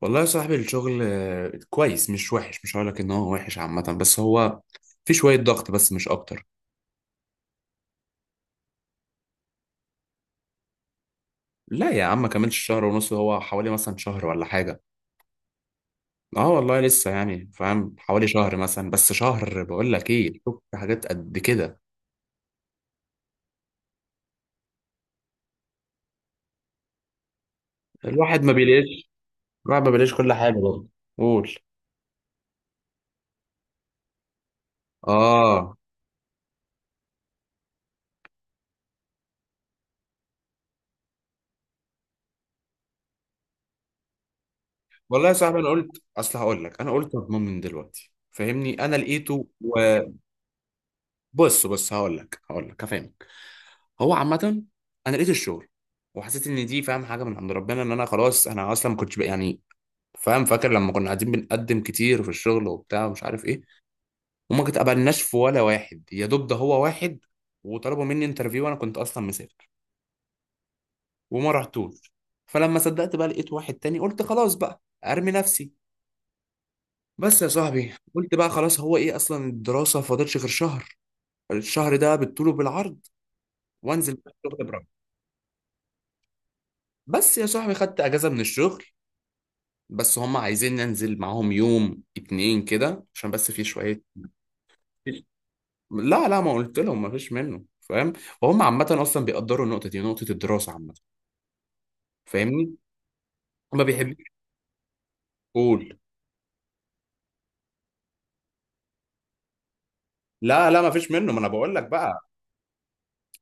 والله يا صاحبي الشغل كويس، مش وحش. مش هقولك ان هو وحش عامة، بس هو في شوية ضغط بس مش اكتر. لا يا عم، ما كملش شهر ونص، هو حوالي مثلا شهر ولا حاجة. اه والله لسه، يعني فاهم، حوالي شهر مثلا. بس شهر، بقول لك ايه، شوف في حاجات قد كده. الواحد ما بيلاقيش. الواحد ما بيلاقيش كل حاجة برضه. قول. اه والله يا صاحبي، انا قلت اصل هقول لك، انا قلت مضمون من دلوقتي، فاهمني، انا لقيته. وبص، بص هقول لك هفهمك. هو عامة، أنا لقيت الشغل، وحسيت إن دي، فاهم، حاجة من عند ربنا. إن أنا خلاص، أنا أصلا ما كنتش يعني فاهم، فاكر لما كنا قاعدين بنقدم كتير في الشغل وبتاع ومش عارف إيه، وما اتقبلناش في ولا واحد. يا دوب ده هو واحد، وطلبوا مني انترفيو، وأنا كنت أصلا مسافر وما رحتوش. فلما صدقت بقى، لقيت واحد تاني، قلت خلاص بقى أرمي نفسي. بس يا صاحبي قلت بقى خلاص، هو إيه أصلا، الدراسة فاضلش غير شهر. الشهر ده بالطول وبالعرض، وأنزل بقى الشغل براحتي. بس يا صاحبي خدت أجازة من الشغل، بس هم عايزين ننزل معاهم يوم اتنين كده عشان بس في شوية. لا لا، ما قلت لهم ما فيش منه، فاهم. وهم عامة أصلا بيقدروا النقطة دي، نقطة الدراسة عامة. فاهمني. ما بيحبوش. قول. لا لا، ما فيش منه، ما أنا بقول لك بقى.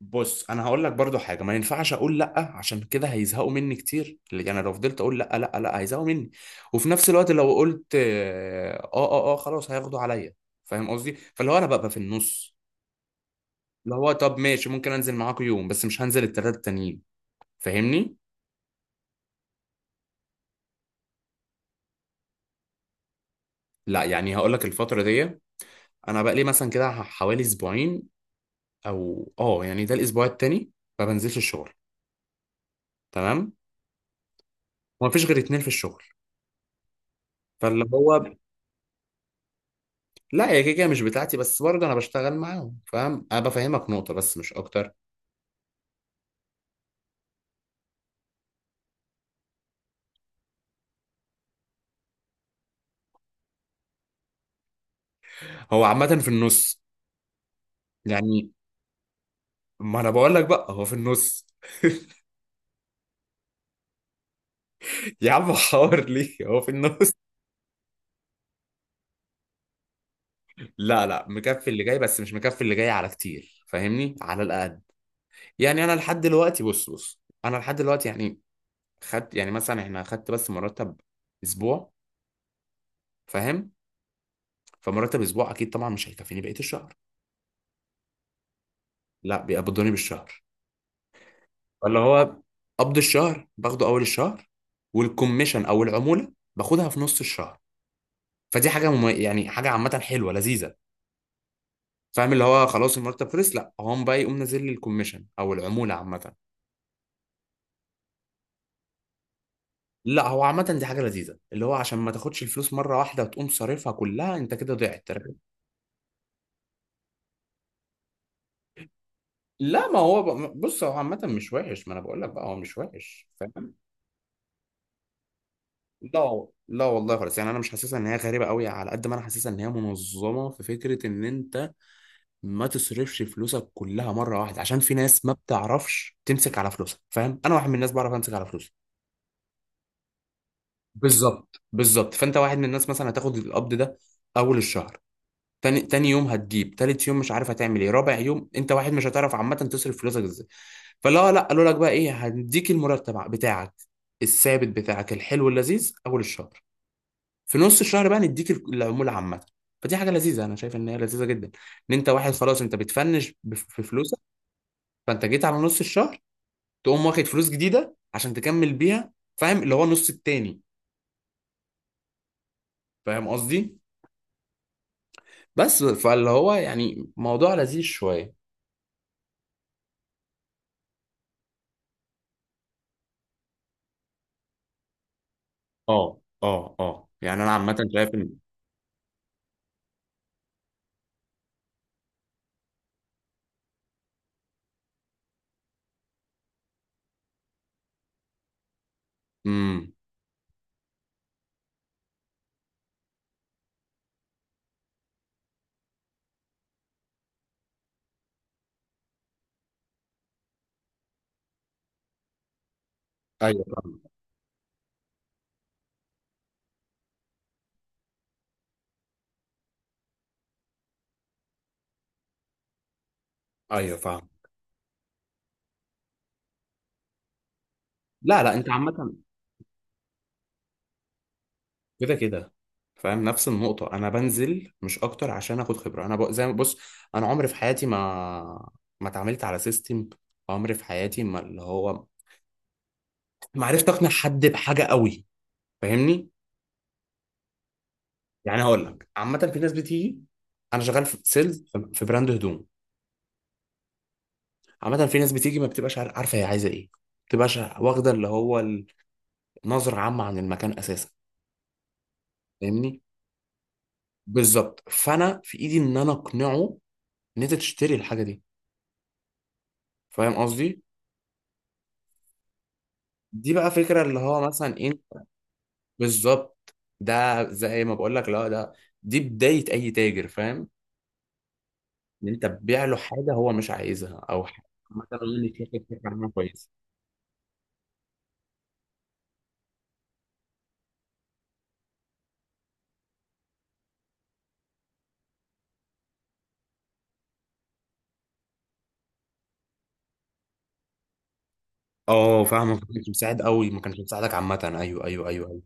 بص، أنا هقول لك برضو حاجة، ما ينفعش أقول لأ، عشان كده هيزهقوا مني كتير. اللي أنا لو فضلت أقول لأ لأ لأ هيزهقوا مني. وفي نفس الوقت لو قلت آه آه آه خلاص، هياخدوا عليا. فاهم قصدي؟ فاللي هو أنا ببقى في النص. اللي هو طب ماشي، ممكن انزل معاكم يوم، بس مش هنزل التلاتة التانيين. فاهمني. لا، يعني هقول لك، الفترة دي انا بقى لي مثلا كده حوالي اسبوعين، او اه يعني ده الاسبوع التاني، ما بنزلش الشغل. تمام. وما فيش غير اتنين في الشغل. فاللي هو، لا هي كده كده مش بتاعتي، بس برضه انا بشتغل معاهم فاهم. انا بفهمك نقطة بس مش اكتر. هو عامة في النص، يعني. ما انا بقول لك بقى هو في النص. يا عم، حوار ليه، هو في النص. لا لا، مكفي اللي جاي، بس مش مكفي اللي جاي على كتير، فاهمني، على الاقل. يعني انا لحد دلوقتي، بص بص، انا لحد دلوقتي يعني خدت، يعني مثلا احنا خدت بس مرتب اسبوع، فاهم. فمرتب اسبوع اكيد طبعا مش هيكفيني بقية الشهر. لا، بيقبضوني بالشهر. ولا هو، قبض الشهر باخده اول الشهر، والكوميشن او العمولة باخدها في نص الشهر. فدي حاجة يعني حاجة عامة، حلوة لذيذة. فاهم، اللي هو خلاص المرتب خلص، لا هو قام بقى يقوم نازل لي الكوميشن او العمولة عامة. لا، هو عامة دي حاجة لذيذة، اللي هو عشان ما تاخدش الفلوس مرة واحدة وتقوم صارفها كلها، انت كده ضيعت. لا ما هو بص، هو عامة مش وحش، ما انا بقول لك بقى هو مش وحش فاهم. لا لا والله خالص، يعني انا مش حاسسها ان هي غريبة قوي، على قد ما انا حاسسها ان هي منظمة. في فكرة ان انت ما تصرفش فلوسك كلها مرة واحدة، عشان في ناس ما بتعرفش تمسك على فلوسها، فاهم. انا واحد من الناس بعرف امسك على فلوسي. بالظبط بالظبط. فانت واحد من الناس مثلا، هتاخد القبض ده اول الشهر، تاني تاني يوم هتجيب، تالت يوم مش عارف هتعمل ايه، رابع يوم انت واحد مش هتعرف عامه تصرف فلوسك ازاي. فلا لا، قالوا لك بقى ايه، هنديك المرتب بتاعك الثابت بتاعك الحلو اللذيذ اول الشهر، في نص الشهر بقى نديك العموله عامه. فدي حاجه لذيذه، انا شايف ان هي لذيذه جدا. ان انت واحد خلاص، انت بتفنش في فلوسك، فانت جيت على نص الشهر، تقوم واخد فلوس جديده عشان تكمل بيها، فاهم اللي هو النص التاني. فاهم قصدي. بس فاللي هو يعني موضوع لذيذ شويه. اه اه اه يعني انا عامه شايف ان، امم. ايوه فاهم. ايوه فاهم. لا لا انت عامه كده كده فاهم. نفس النقطه، انا بنزل مش اكتر عشان اخد خبره. انا زي ما بص، انا عمري في حياتي ما، اتعاملت على سيستم. عمري في حياتي ما، اللي هو ما عرفت اقنع حد بحاجه قوي. فاهمني. يعني هقول لك، عامه في ناس بتيجي. انا شغال في سيلز، في براند هدوم. عامه في ناس بتيجي ما بتبقاش عارفه هي عايزه ايه، ما بتبقاش واخده اللي هو نظرة عامة عن المكان أساسا. فاهمني. بالظبط. فانا في ايدي ان انا اقنعه ان انت تشتري الحاجه دي، فاهم قصدي. دي بقى فكره اللي هو مثلا ايه. بالظبط. ده زي ما بقول لك، لا ده دي بدايه اي تاجر، فاهم. ان انت تبيع له حاجه هو مش عايزها، او حاجه مثلا يعني في حاجة فكره عنها كويسه. اه، فاهمك، ما كانش مساعد قوي، ما كانش مساعدك عامه، ايوه ايوه ايوه ايوه.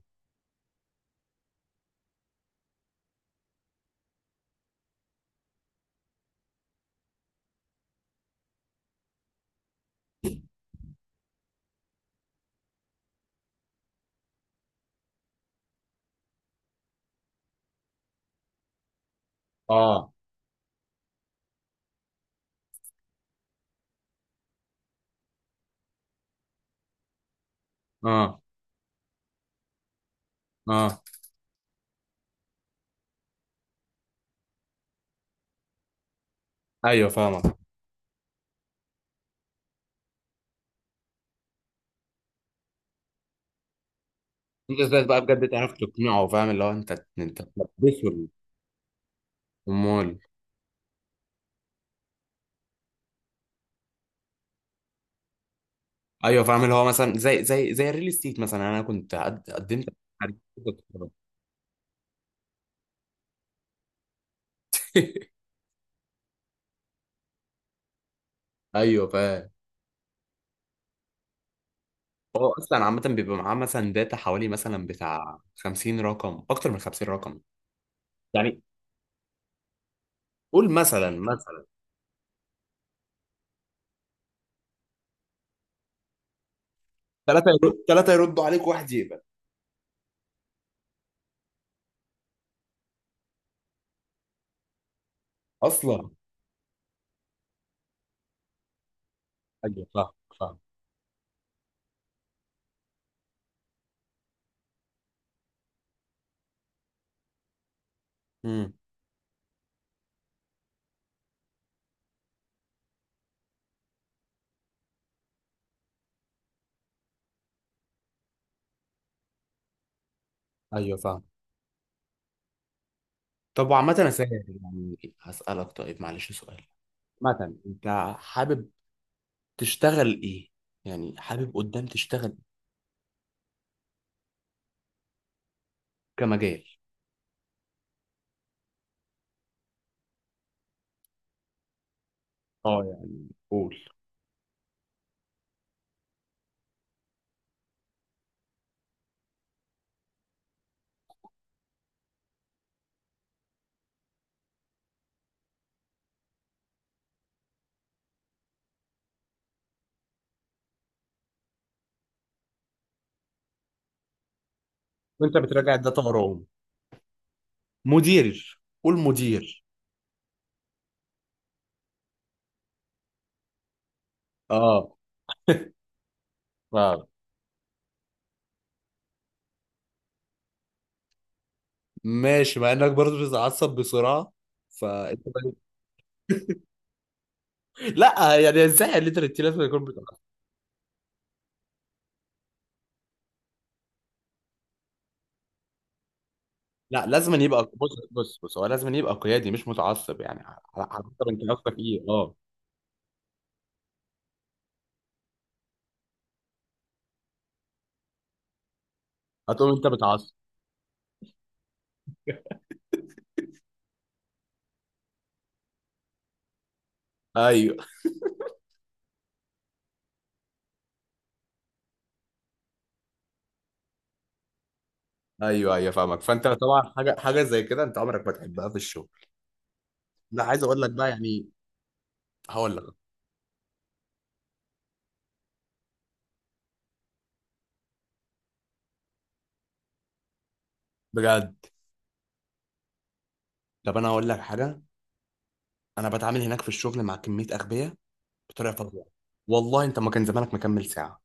اه اه اه ايوه فاهمك. انت ازاي بقى بجد تعرف تقنعه، فاهم اللي هو انت تلبسه. امال. ايوه فاهم، اللي هو مثلا زي الريل استيت مثلا، انا كنت قدمت على- ايوه فاهم. هو اصلا عامه بيبقى معاه مثلا داتا، حوالي مثلا بتاع 50 رقم، اكتر من 50 رقم. يعني قول مثلا مثلا، ثلاثه يرد، ثلاثه يردوا عليك، واحد يقبل اصلا. ايوه فاهم. فاهم. امم. ايوه فاهم. طب وعامه يا ساهر، يعني هسالك طيب معلش سؤال. مثلا انت حابب تشتغل ايه؟ يعني حابب قدام تشتغل؟ كمجال. اه يعني قول. وانت بتراجع الداتا وراهم. مدير، قول مدير. اه. اه ماشي، مع انك برضه بتتعصب بسرعه، فانت لا يعني ازاي الليترتي لازم يكون بتعصب. لا لازم أن يبقى، بص بص بص، هو لازم أن يبقى قيادي، مش متعصب، يعني على حسب انت قصدك ايه. اه، هتقوم انت متعصب. ايوه ايوه ايوه فاهمك، فانت طبعا حاجه زي كده انت عمرك ما تحبها في الشغل. لا عايز اقول لك بقى، يعني هقول لك بجد. طب انا هقول لك حاجه، انا بتعامل هناك في الشغل مع كميه اغبياء بطريقه فظيعه، والله. انت ما كان زمانك مكمل ساعه.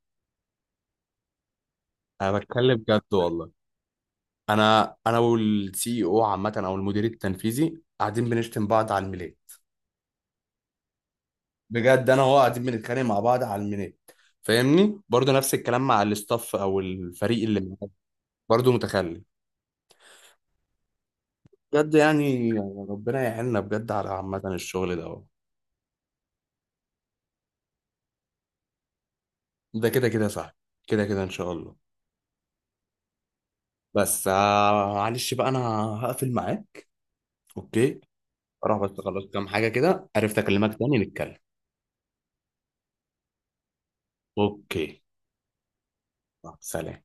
انا بتكلم بجد والله. انا والسي او عامه او المدير التنفيذي قاعدين بنشتم بعض على الميلاد. بجد، انا وهو قاعدين بنتخانق مع بعض على الميلاد. فاهمني، برضه نفس الكلام مع الاستاف او الفريق اللي معاك، برضه متخلف. بجد يعني، ربنا يعيننا بجد على عامه الشغل ده. ده كده كده صح، كده كده ان شاء الله. بس معلش بقى انا هقفل معاه. اوكي. اروح بس اخلص كام حاجه كده، عرفت اكلمك تاني نتكلم. اوكي. سلام.